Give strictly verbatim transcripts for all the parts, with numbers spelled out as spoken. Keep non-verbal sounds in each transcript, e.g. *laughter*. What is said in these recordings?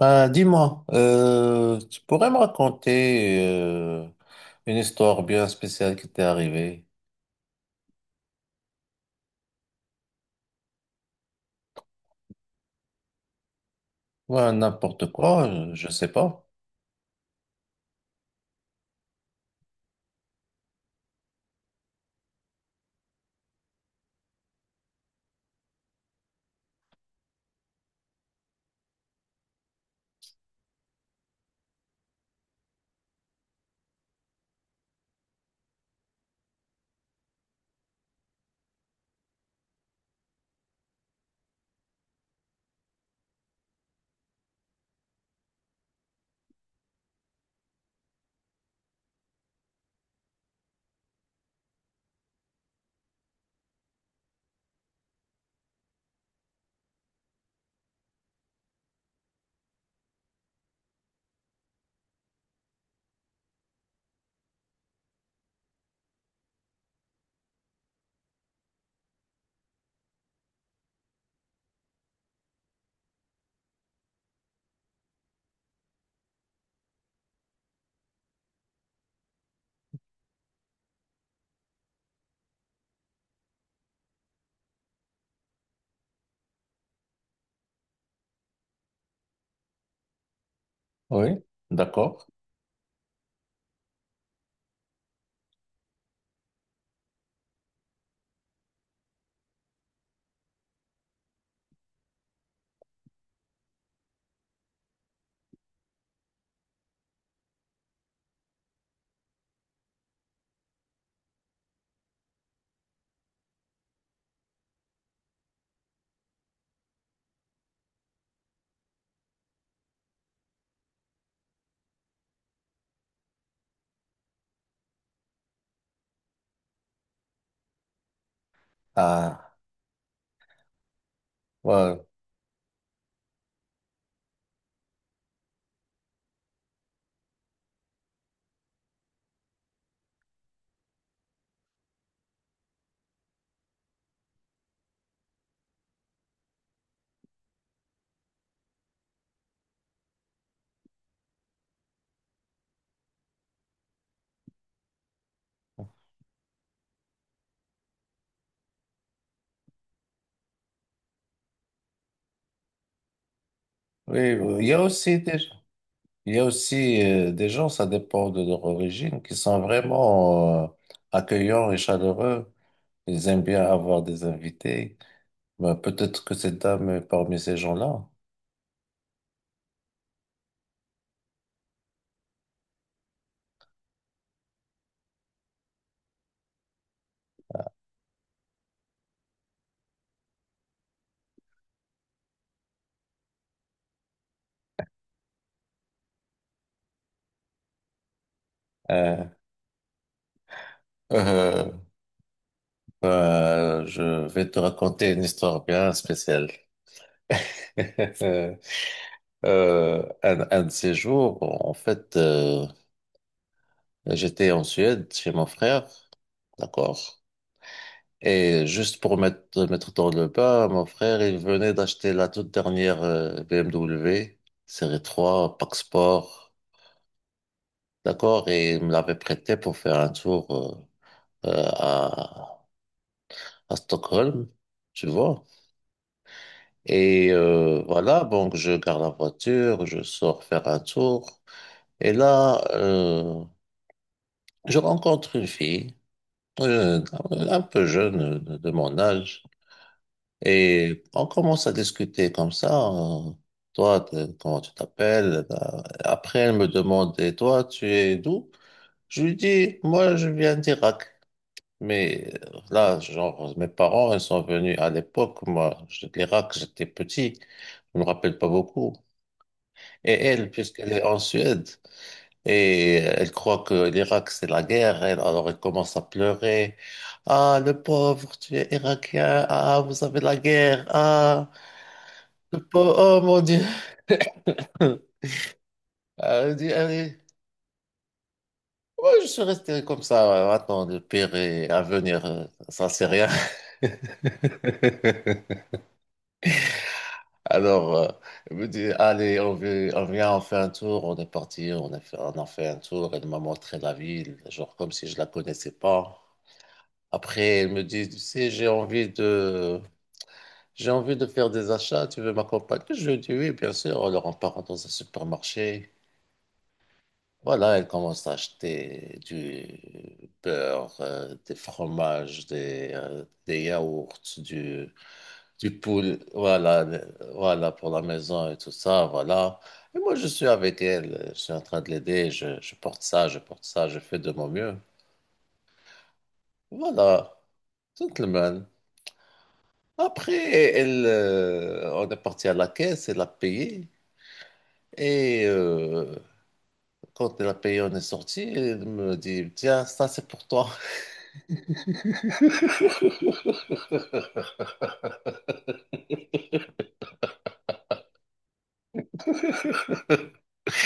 Ben, dis-moi, euh, tu pourrais me raconter euh, une histoire bien spéciale qui t'est arrivée? Ouais, n'importe quoi, euh, je sais pas. Oui, d'accord. Ah, ouais. Oui, oui. Il y a aussi des, il y a aussi euh, des gens, ça dépend de leur origine, qui sont vraiment euh, accueillants et chaleureux. Ils aiment bien avoir des invités. Ben, peut-être que cette dame est parmi ces gens-là. Euh, *laughs* Euh, je vais te raconter une histoire bien spéciale. *laughs* Euh, un, un de ces jours, en fait, euh, j'étais en Suède chez mon frère, d'accord? Et juste pour mettre, mettre dans le bain, mon frère, il venait d'acheter la toute dernière euh, B M W série trois Pack Sport, d'accord? Et il me l'avait prêté pour faire un tour euh, euh, à, à Stockholm, tu vois? Et euh, voilà, donc je garde la voiture, je sors faire un tour. Et là, euh, je rencontre une fille, euh, un peu jeune de, de mon âge. Et on commence à discuter comme ça. Euh, toi, t'es- comment tu t'appelles? Euh, Après, elle me demande, et toi, tu es d'où? Je lui dis, moi, je viens d'Irak. Mais euh, là, genre, mes parents, ils sont venus à l'époque. Moi, je- l'Irak, j'étais petit. Je me rappelle pas beaucoup. Et elle, puisqu'elle est en Suède, et euh, elle croit que l'Irak, c'est la guerre, elle, alors elle commence à pleurer. Ah, le pauvre, tu es irakien, ah, vous avez la guerre, ah, le pauvre, oh mon Dieu. *laughs* Elle dit, allez, moi, je suis resté comme ça, attends, le pire est à venir, euh, ça c'est rien. *laughs* Alors, euh, elle me dit, allez, on vi- on vient, on fait un tour, on est parti, on a fait, on a fait un tour, elle m'a montré la ville, genre comme si je la connaissais pas. Après, elle me dit, tu sais, j'ai envie de, j'ai envie de faire des achats, tu veux m'accompagner? Je lui dis, oui, bien sûr. Alors, on part dans un supermarché. Voilà, elle commence à acheter du beurre, euh, des fromages, des, euh, des yaourts, du, du poule, voilà, le- voilà, pour la maison et tout ça, voilà. Et moi, je suis avec elle, je suis en train de l'aider, je, je porte ça, je porte ça, je fais de mon mieux. Voilà, tout le monde. Après, elle, euh, on est parti à la caisse, elle a payé. Et euh, quand elle a payé, on est sorti. Elle me dit, tiens, ça c'est pour toi.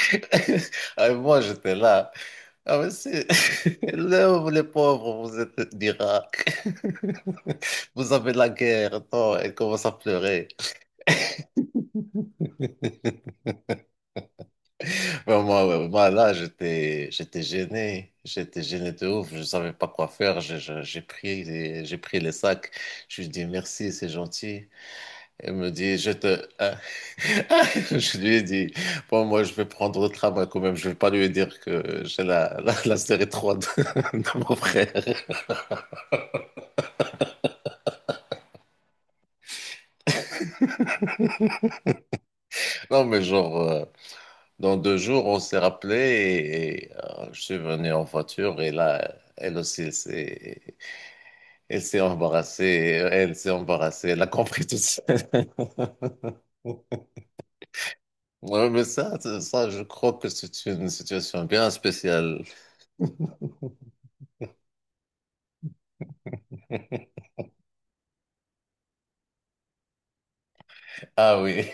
*laughs* Ah, et moi, j'étais là. Ah, mais c'est... *laughs* Là, vous, les pauvres, vous êtes d'Irak. *laughs* Vous avez la guerre. Non, elle commence à pleurer. Mais moi, ouais, moi, là, j'étais, j'étais gêné. J'étais gêné de ouf. Je savais pas quoi faire. Je- je- J'ai pris, les- j'ai pris les sacs. Je lui ai dit, merci, c'est gentil. Elle me dit, je te... *laughs* Je lui ai dit, bon, moi, je vais prendre le tramway quand même. Je vais pas lui dire que j'ai la, la, la série trois de, *laughs* de mon frère. Non, mais genre, euh, dans deux jours, on s'est rappelé et, et, euh, je suis venu en voiture et là, elle aussi, elle s'est elle s'est embarrassée. Elle s'est embarrassée. Elle a compris tout ça. *laughs* Ouais, mais ça, ça, ça, je crois que c'est une situation bien spéciale. Ah oui,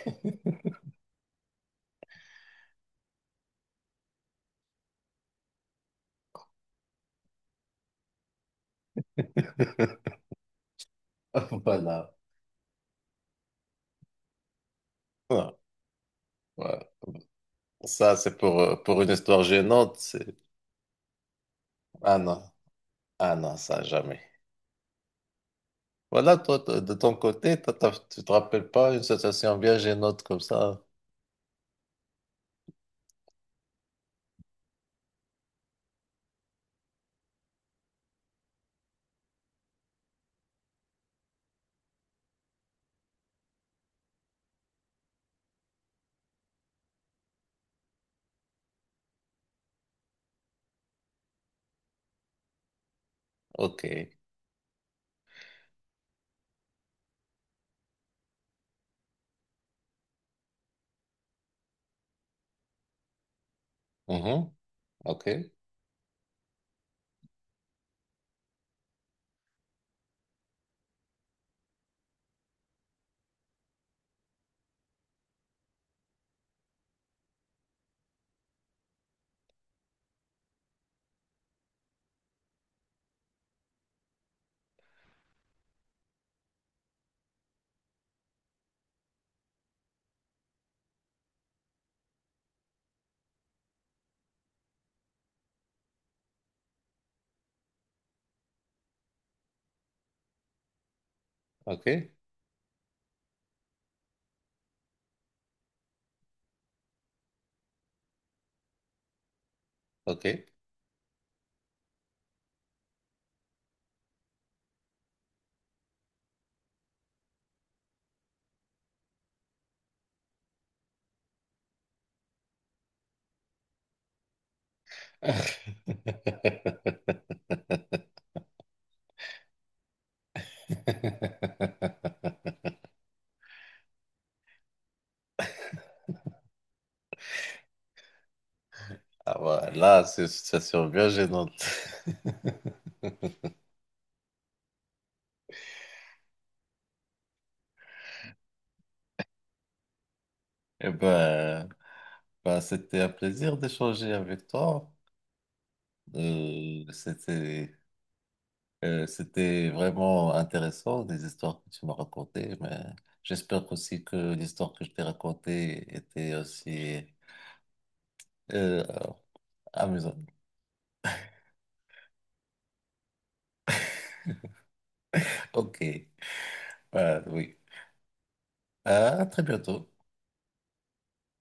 *laughs* voilà. Ouais. Ouais. Ça, c'est pour, euh, pour une histoire gênante. c'est- Ah non, ah non, ça jamais. Voilà, toi, t- de ton côté, t'as- t'as- tu te rappelles pas une situation bien gênante comme ça? Ok. Mhm. Ok, ok, ok. *laughs* *laughs* Ah ouais, là, c'est une situation bien gênante. *laughs* Eh ben, ben, c'était un plaisir d'échanger avec toi. Euh, c'était, euh, c'était vraiment intéressant, les histoires que tu m'as racontées, mais j'espère aussi que l'histoire que je t'ai racontée était aussi euh, amusante. Ok, ben, oui. Ah, à très bientôt.